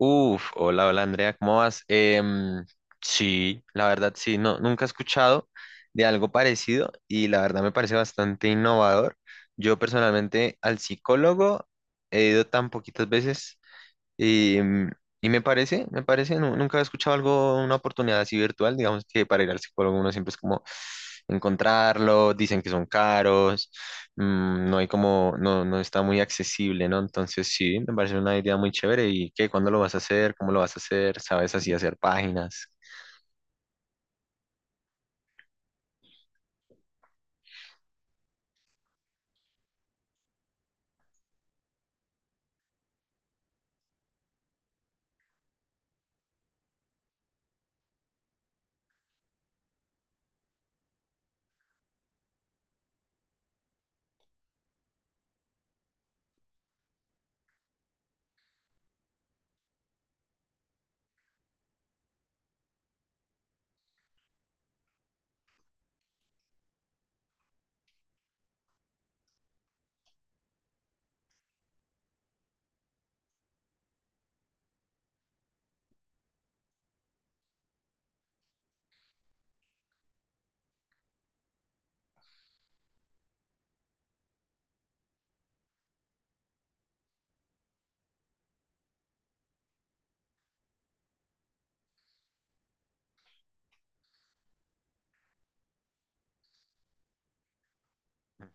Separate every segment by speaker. Speaker 1: Uf, hola, hola Andrea, ¿cómo vas? Sí, la verdad sí, no, nunca he escuchado de algo parecido y la verdad me parece bastante innovador. Yo personalmente al psicólogo he ido tan poquitas veces y, mm, y nunca he escuchado algo, una oportunidad así virtual, digamos que para ir al psicólogo uno siempre es como encontrarlo, dicen que son caros, no hay como, no, no está muy accesible, ¿no? Entonces sí, me parece una idea muy chévere. ¿Y qué? ¿Cuándo lo vas a hacer? ¿Cómo lo vas a hacer? ¿Sabes así hacer páginas?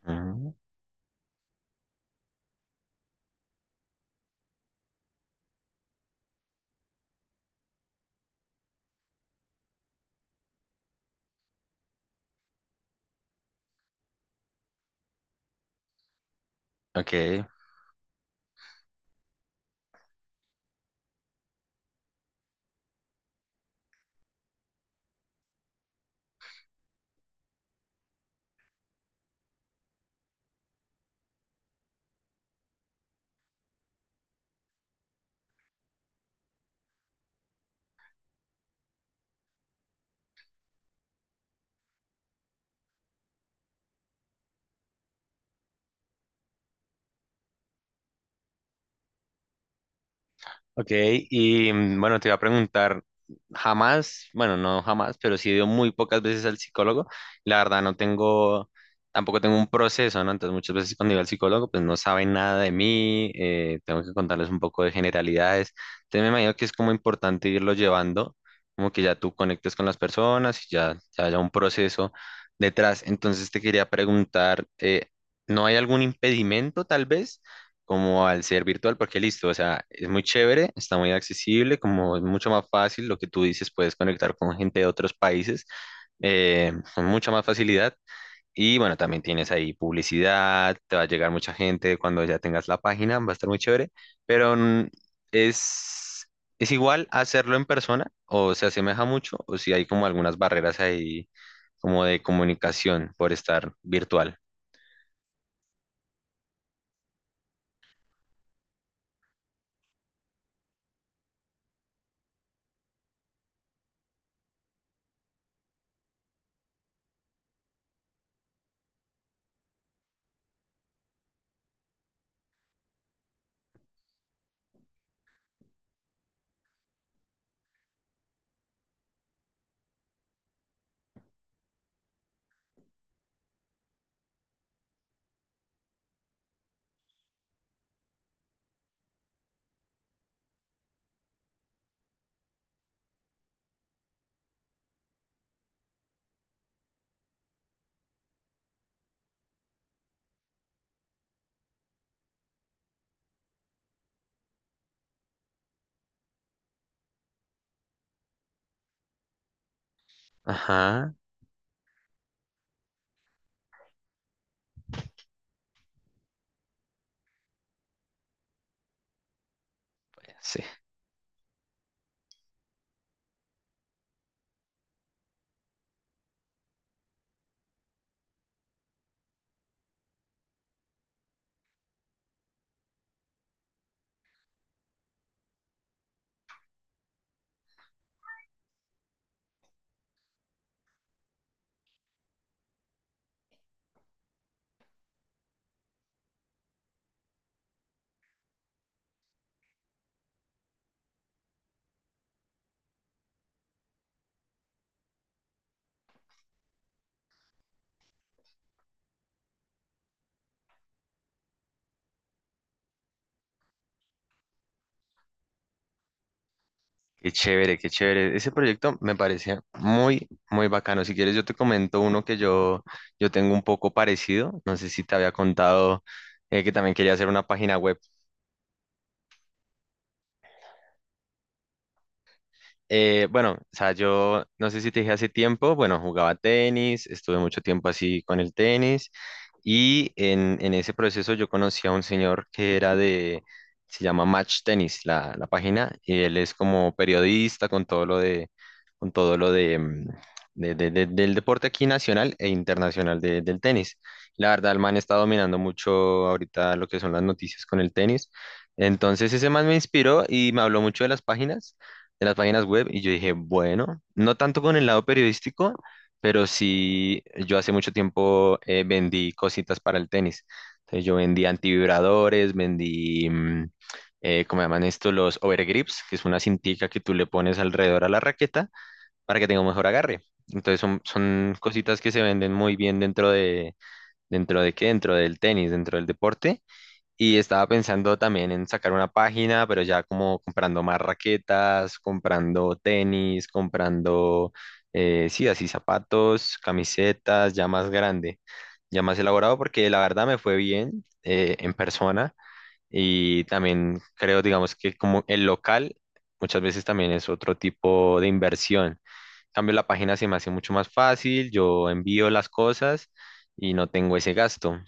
Speaker 1: Ujú. Ok. Ok, y bueno, te iba a preguntar, jamás, bueno, no jamás, pero sí he ido muy pocas veces al psicólogo. La verdad, no tengo, tampoco tengo un proceso, ¿no? Entonces, muchas veces cuando iba al psicólogo, pues no saben nada de mí, tengo que contarles un poco de generalidades. Entonces, me imagino que es como importante irlo llevando, como que ya tú conectes con las personas y ya, ya haya un proceso detrás. Entonces, te quería preguntar, ¿no hay algún impedimento tal vez? Como al ser virtual, porque listo, o sea, es muy chévere, está muy accesible, como es mucho más fácil, lo que tú dices, puedes conectar con gente de otros países con mucha más facilidad. Y bueno, también tienes ahí publicidad, te va a llegar mucha gente cuando ya tengas la página, va a estar muy chévere, pero es, es igual hacerlo en persona o se asemeja mucho o si hay como algunas barreras ahí como de comunicación por estar virtual. Ajá, sí. Qué chévere, qué chévere. Ese proyecto me parece muy, muy bacano. Si quieres, yo te comento uno que yo tengo un poco parecido. No sé si te había contado que también quería hacer una página web. Bueno, o sea, yo no sé si te dije hace tiempo, bueno, jugaba tenis, estuve mucho tiempo así con el tenis. Y en ese proceso yo conocí a un señor que era se llama Match Tennis, la página, y él es como periodista con todo lo con todo lo del deporte aquí nacional e internacional del tenis. La verdad, el man está dominando mucho ahorita lo que son las noticias con el tenis. Entonces ese man me inspiró y me habló mucho de las páginas web, y yo dije, bueno, no tanto con el lado periodístico, pero sí, yo hace mucho tiempo vendí cositas para el tenis. Entonces yo vendí antivibradores, ¿cómo llaman esto? Los overgrips, que es una cintica que tú le pones alrededor a la raqueta para que tenga un mejor agarre. Entonces son cositas que se venden muy bien ¿dentro de qué? Dentro del tenis, dentro del deporte. Y estaba pensando también en sacar una página, pero ya como comprando más raquetas, comprando tenis, comprando, sí, así zapatos, camisetas, ya más grande, ya más elaborado, porque la verdad me fue bien en persona y también creo, digamos que como el local muchas veces también es otro tipo de inversión. En cambio, la página se me hace mucho más fácil, yo envío las cosas y no tengo ese gasto,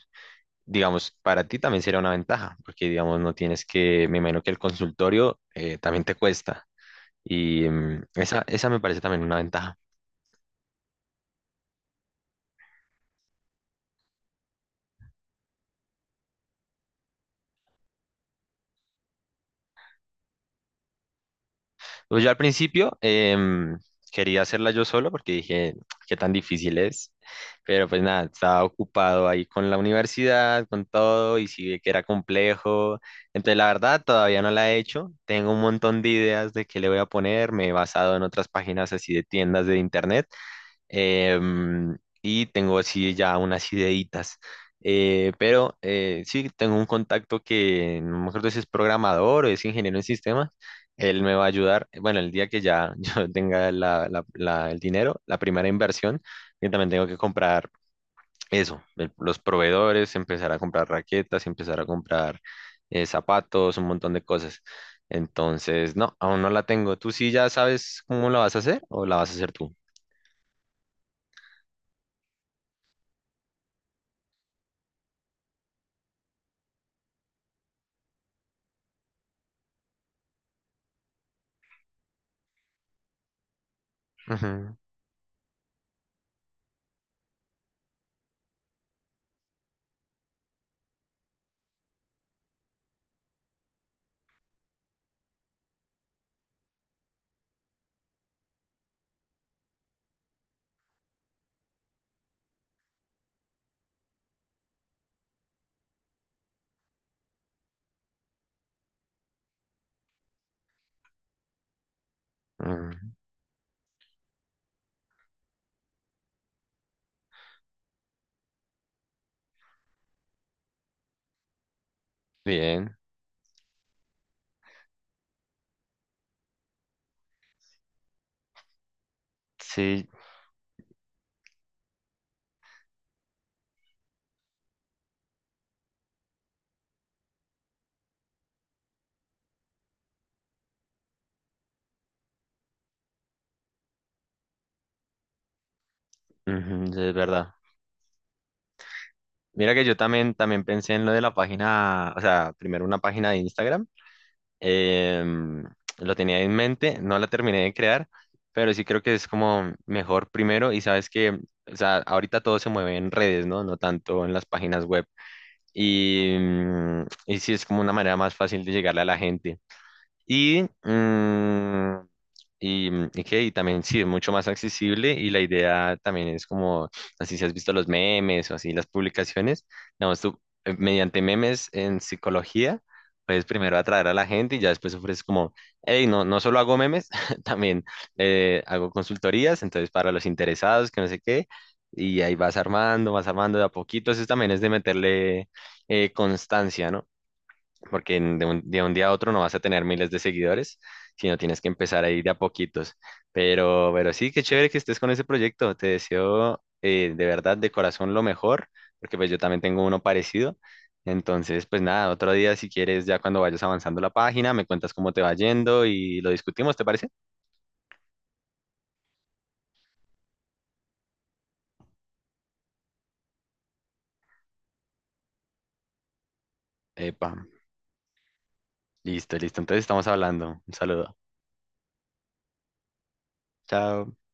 Speaker 1: digamos, para ti también sería una ventaja, porque, digamos, no tienes que, me imagino que el consultorio también te cuesta. Y esa, esa me parece también una ventaja. Pues yo al principio quería hacerla yo solo porque dije, qué tan difícil es, pero pues nada, estaba ocupado ahí con la universidad, con todo, y sí vi que era complejo. Entonces, la verdad, todavía no la he hecho. Tengo un montón de ideas de qué le voy a poner, me he basado en otras páginas así de tiendas de internet. Y tengo así ya unas ideitas. Sí, tengo un contacto que no me acuerdo si es programador o es ingeniero en sistemas. Él me va a ayudar, bueno, el día que ya yo tenga el dinero, la primera inversión, yo también tengo que comprar eso, los proveedores, empezar a comprar raquetas, empezar a comprar zapatos, un montón de cosas. Entonces, no, aún no la tengo. ¿Tú sí ya sabes cómo la vas a hacer o la vas a hacer tú? Ujú, ujú. Bien, sí, ujú, sí, es verdad. Mira que yo también, también pensé en lo de la página, o sea, primero una página de Instagram. em, lo tenía en mente, no la terminé de crear, pero sí creo que es como mejor primero y sabes que, o sea, ahorita todo se mueve en redes, ¿no? No tanto en las páginas web. Y sí es como una manera más fácil de llegarle a la gente. Y, mm, y también sí, es mucho más accesible y la idea también es como, así si has visto los memes o así las publicaciones, digamos tú, mediante memes en psicología, puedes primero atraer a la gente y ya después ofreces como, hey, no, no solo hago memes, también hago consultorías, entonces para los interesados, que no sé qué, y ahí vas armando de a poquito, eso también es de meterle constancia, ¿no? Porque de un día a otro no vas a tener miles de seguidores, sino tienes que empezar ahí de a poquitos. Pero sí, qué chévere que estés con ese proyecto. Te deseo de verdad, de corazón, lo mejor, porque pues yo también tengo uno parecido. Entonces, pues nada, otro día si quieres, ya cuando vayas avanzando la página, me cuentas cómo te va yendo y lo discutimos, ¿te parece? Epa, listo, listo. Entonces estamos hablando. Un saludo. Chao.